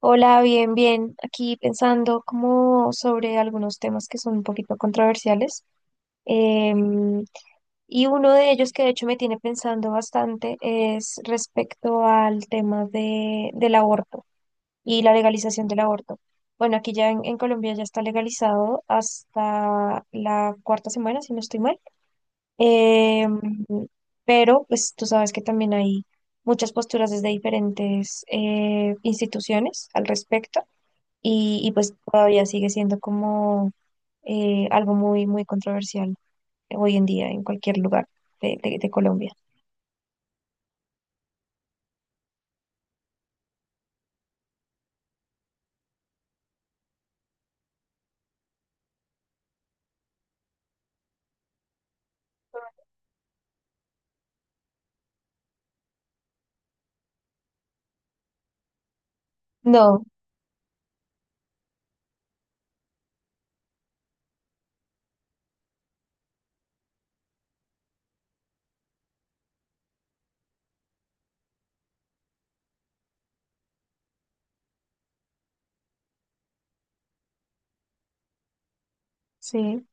Hola, bien, bien. Aquí pensando como sobre algunos temas que son un poquito controversiales. Em, y uno de ellos que de hecho me tiene pensando bastante es respecto al tema del aborto y la legalización del aborto. Bueno, aquí ya en Colombia ya está legalizado hasta la cuarta semana, si no estoy mal. Em, pero pues tú sabes que también hay muchas posturas desde diferentes instituciones al respecto y pues todavía sigue siendo como algo muy, muy controversial hoy en día en cualquier lugar de Colombia. No, sí,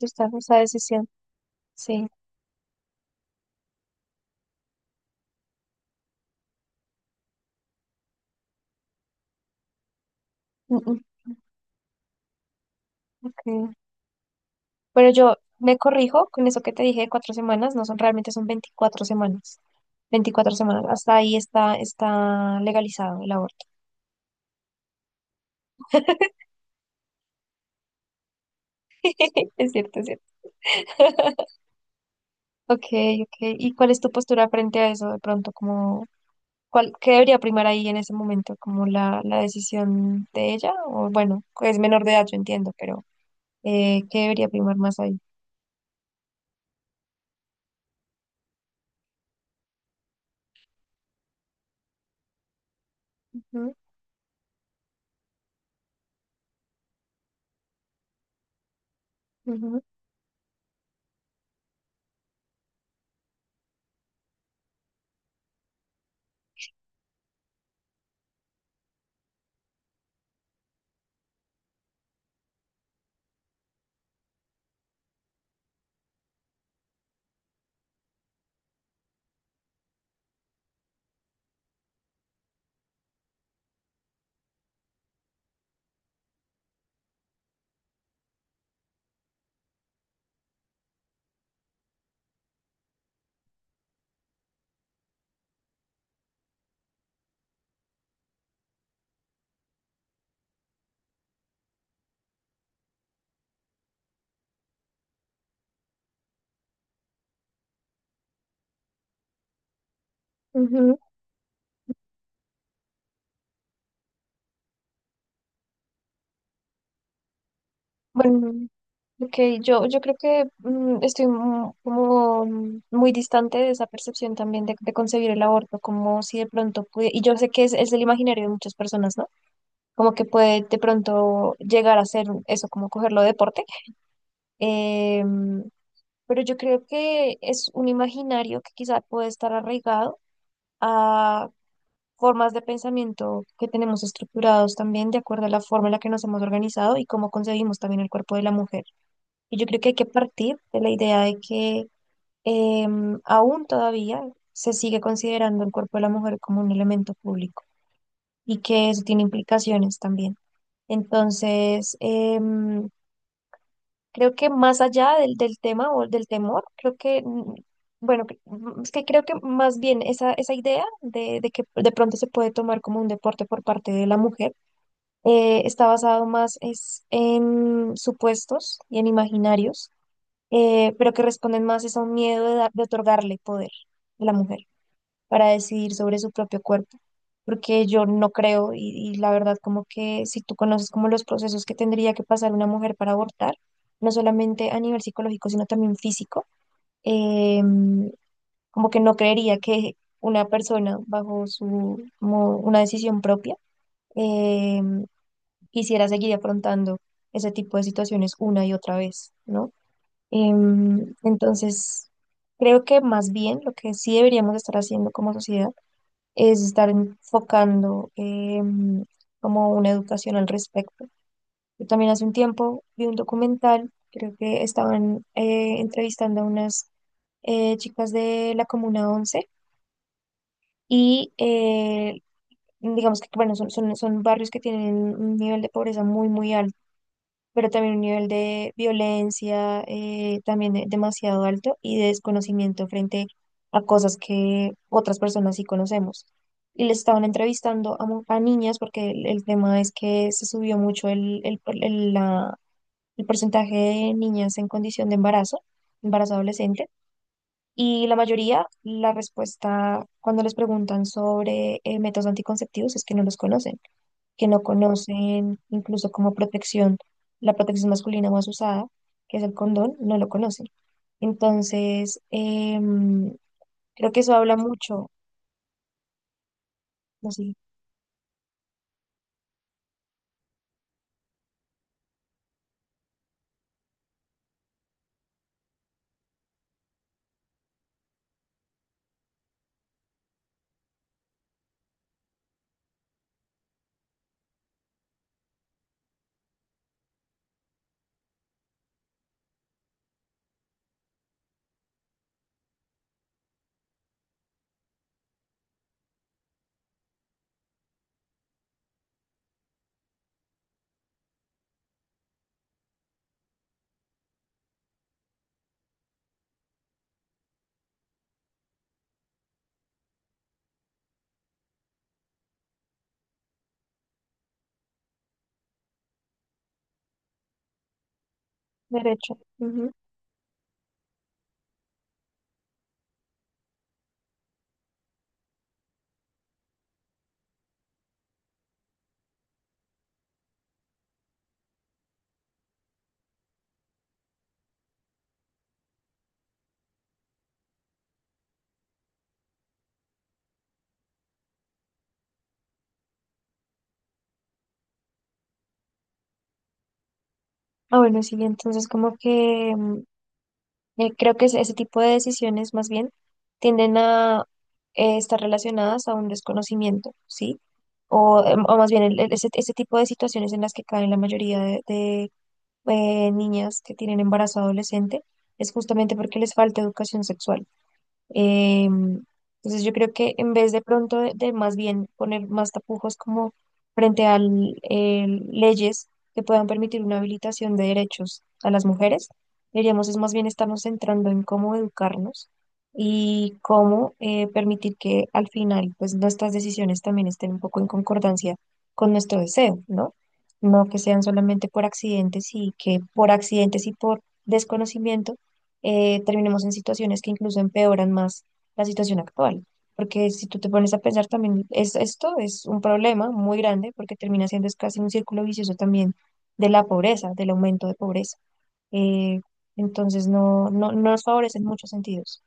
está esa decisión, sí. Mm, mm, ok. Pero yo me corrijo con eso que te dije de 4 semanas, no son realmente son 24 semanas. 24 semanas, hasta ahí está legalizado el aborto. Es cierto, es cierto. Ok, ok. ¿Y cuál es tu postura frente a eso de pronto? Como, ¿cuál, qué debería primar ahí en ese momento? ¿Como la decisión de ella? O bueno, es menor de edad, yo entiendo, pero ¿qué debería primar más ahí? Ujú, ujú, ujú. Bueno, ok, yo creo que estoy como muy distante de esa percepción también de concebir el aborto, como si de pronto pude, y yo sé que es el imaginario de muchas personas, ¿no? Como que puede de pronto llegar a ser eso, como cogerlo de deporte. em, pero yo creo que es un imaginario que quizá puede estar arraigado a formas de pensamiento que tenemos estructurados también de acuerdo a la forma en la que nos hemos organizado y cómo concebimos también el cuerpo de la mujer. Y yo creo que hay que partir de la idea de que aún todavía se sigue considerando el cuerpo de la mujer como un elemento público y que eso tiene implicaciones también. Entonces, creo que más allá del tema o del temor, creo que, bueno, es que creo que más bien esa idea de que de pronto se puede tomar como un deporte por parte de la mujer, está basado más es en supuestos y en imaginarios, pero que responden más es a un miedo de otorgarle poder a la mujer para decidir sobre su propio cuerpo, porque yo no creo y la verdad como que si tú conoces como los procesos que tendría que pasar una mujer para abortar, no solamente a nivel psicológico, sino también físico, eh, como que no creería que una persona bajo su, como una decisión propia, eh, quisiera seguir afrontando ese tipo de situaciones una y otra vez, ¿no? Entonces, creo que más bien lo que sí deberíamos estar haciendo como sociedad es estar enfocando como una educación al respecto. Yo también hace un tiempo vi un documental, creo que estaban entrevistando a unas chicas de la Comuna 11 y digamos que bueno, son barrios que tienen un nivel de pobreza muy, muy alto, pero también un nivel de violencia también demasiado alto y de desconocimiento frente a cosas que otras personas sí conocemos. Y le estaban entrevistando a niñas porque el tema es que se subió mucho el porcentaje de niñas en condición de embarazo, embarazo adolescente. Y la mayoría, la respuesta cuando les preguntan sobre métodos anticonceptivos es que no los conocen, que no conocen incluso como protección, la protección masculina más usada, que es el condón, no lo conocen. Entonces, em, creo que eso habla mucho, no sé, derecho. Ujú. Ah, bueno, sí, entonces como que creo que ese tipo de decisiones más bien tienden a estar relacionadas a un desconocimiento, ¿sí? O más bien ese tipo de situaciones en las que caen la mayoría de niñas que tienen embarazo adolescente es justamente porque les falta educación sexual. Em, entonces yo creo que en vez de pronto de más bien poner más tapujos como frente a leyes que puedan permitir una habilitación de derechos a las mujeres, deberíamos es más bien estarnos centrando en cómo educarnos y cómo permitir que al final pues nuestras decisiones también estén un poco en concordancia con nuestro deseo, ¿no? No que sean solamente por accidentes y que por accidentes y por desconocimiento terminemos en situaciones que incluso empeoran más la situación actual. Porque si tú te pones a pensar también, es, esto es un problema muy grande porque termina siendo es casi un círculo vicioso también de la pobreza, del aumento de pobreza. Eh, entonces no nos favorece en muchos sentidos.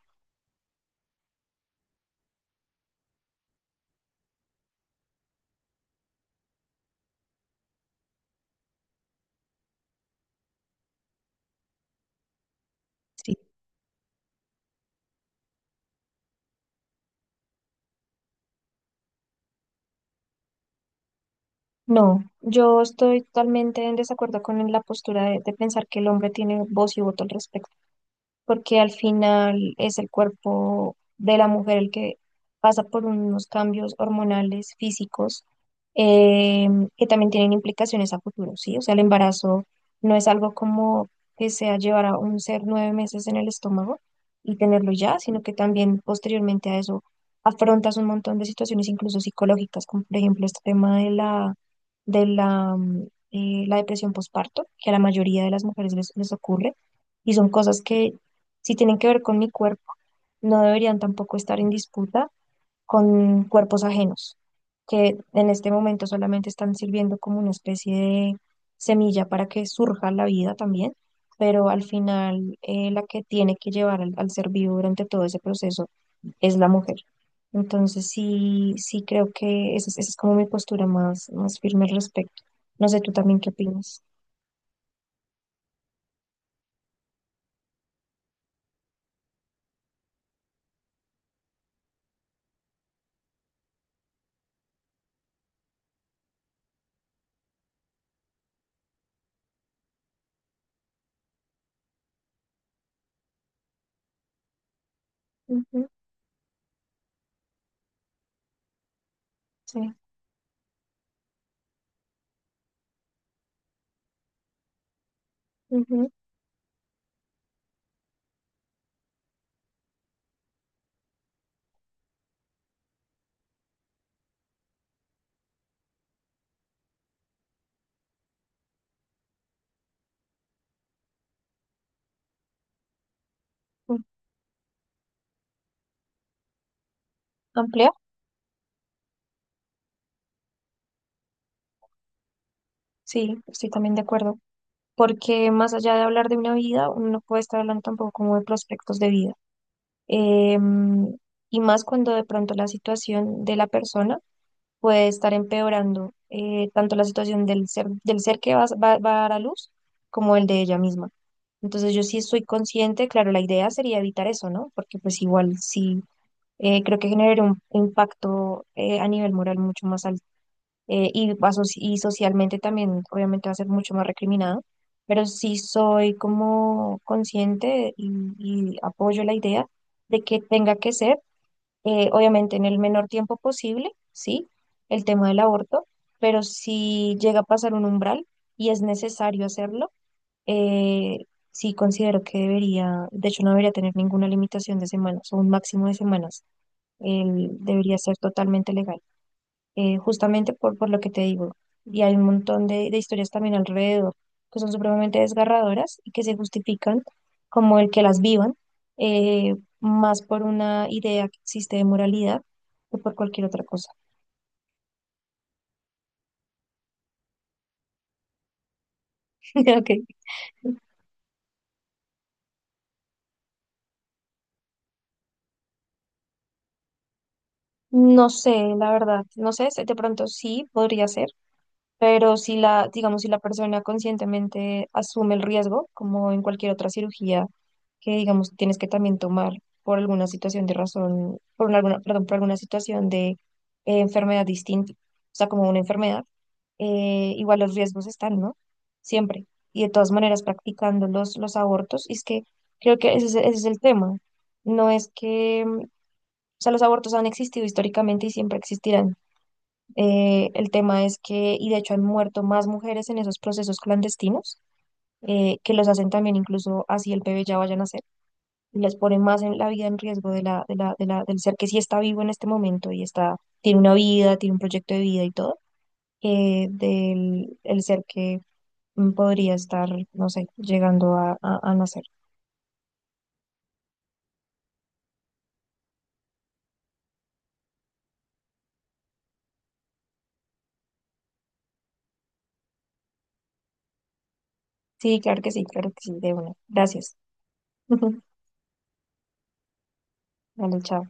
Sí. No, yo estoy totalmente en desacuerdo con la postura de pensar que el hombre tiene voz y voto al respecto. Porque al final es el cuerpo de la mujer el que pasa por unos cambios hormonales, físicos, eh, que también tienen implicaciones a futuro, ¿sí? O sea, el embarazo no es algo como que sea llevar a un ser 9 meses en el estómago y tenerlo ya, sino que también posteriormente a eso afrontas un montón de situaciones incluso psicológicas, como por ejemplo este tema la depresión postparto, que a la mayoría de las mujeres les ocurre, y son cosas que, si tienen que ver con mi cuerpo, no deberían tampoco estar en disputa con cuerpos ajenos, que en este momento solamente están sirviendo como una especie de semilla para que surja la vida también, pero al final la que tiene que llevar al, al ser vivo durante todo ese proceso es la mujer. Entonces sí, sí creo que esa es como mi postura más, más firme al respecto. No sé, tú también qué opinas. Ujú, sí. Ujú, ujú. ¿Amplia? Sí, estoy también de acuerdo. Porque más allá de hablar de una vida, uno no puede estar hablando tampoco como de prospectos de vida. Em, y más cuando de pronto la situación de la persona puede estar empeorando tanto la situación del ser que va, va a dar a luz como el de ella misma. Entonces yo sí estoy consciente, claro, la idea sería evitar eso, ¿no? Porque pues igual sí creo que generaría un impacto a nivel moral mucho más alto y socialmente también obviamente va a ser mucho más recriminado, pero sí soy como consciente y apoyo la idea de que tenga que ser, obviamente en el menor tiempo posible, ¿sí? El tema del aborto, pero si llega a pasar un umbral y es necesario hacerlo, eh, sí considero que debería, de hecho no debería tener ninguna limitación de semanas o un máximo de semanas, debería ser totalmente legal justamente por lo que te digo. Y hay un montón de historias también alrededor que son supremamente desgarradoras y que se justifican como el que las vivan, más por una idea que existe de moralidad que por cualquier otra cosa. Ok. No sé, la verdad, no sé, de pronto sí podría ser. Pero si la, digamos, si la persona conscientemente asume el riesgo, como en cualquier otra cirugía, que digamos tienes que también tomar por alguna situación de razón, alguna, perdón, por alguna situación de enfermedad distinta, o sea, como una enfermedad, igual los riesgos están, ¿no? Siempre. Y de todas maneras practicando los abortos, y es que creo que ese es el tema. No es que, o sea, los abortos han existido históricamente y siempre existirán. El tema es que, y de hecho han muerto más mujeres en esos procesos clandestinos, que los hacen también incluso así el bebé ya vaya a nacer, y les pone más en la vida en riesgo del ser que sí está vivo en este momento y tiene una vida, tiene un proyecto de vida y todo, del el ser que podría estar, no sé, llegando a nacer. Sí, claro que sí, claro que sí, de una. Gracias. Vale, chao.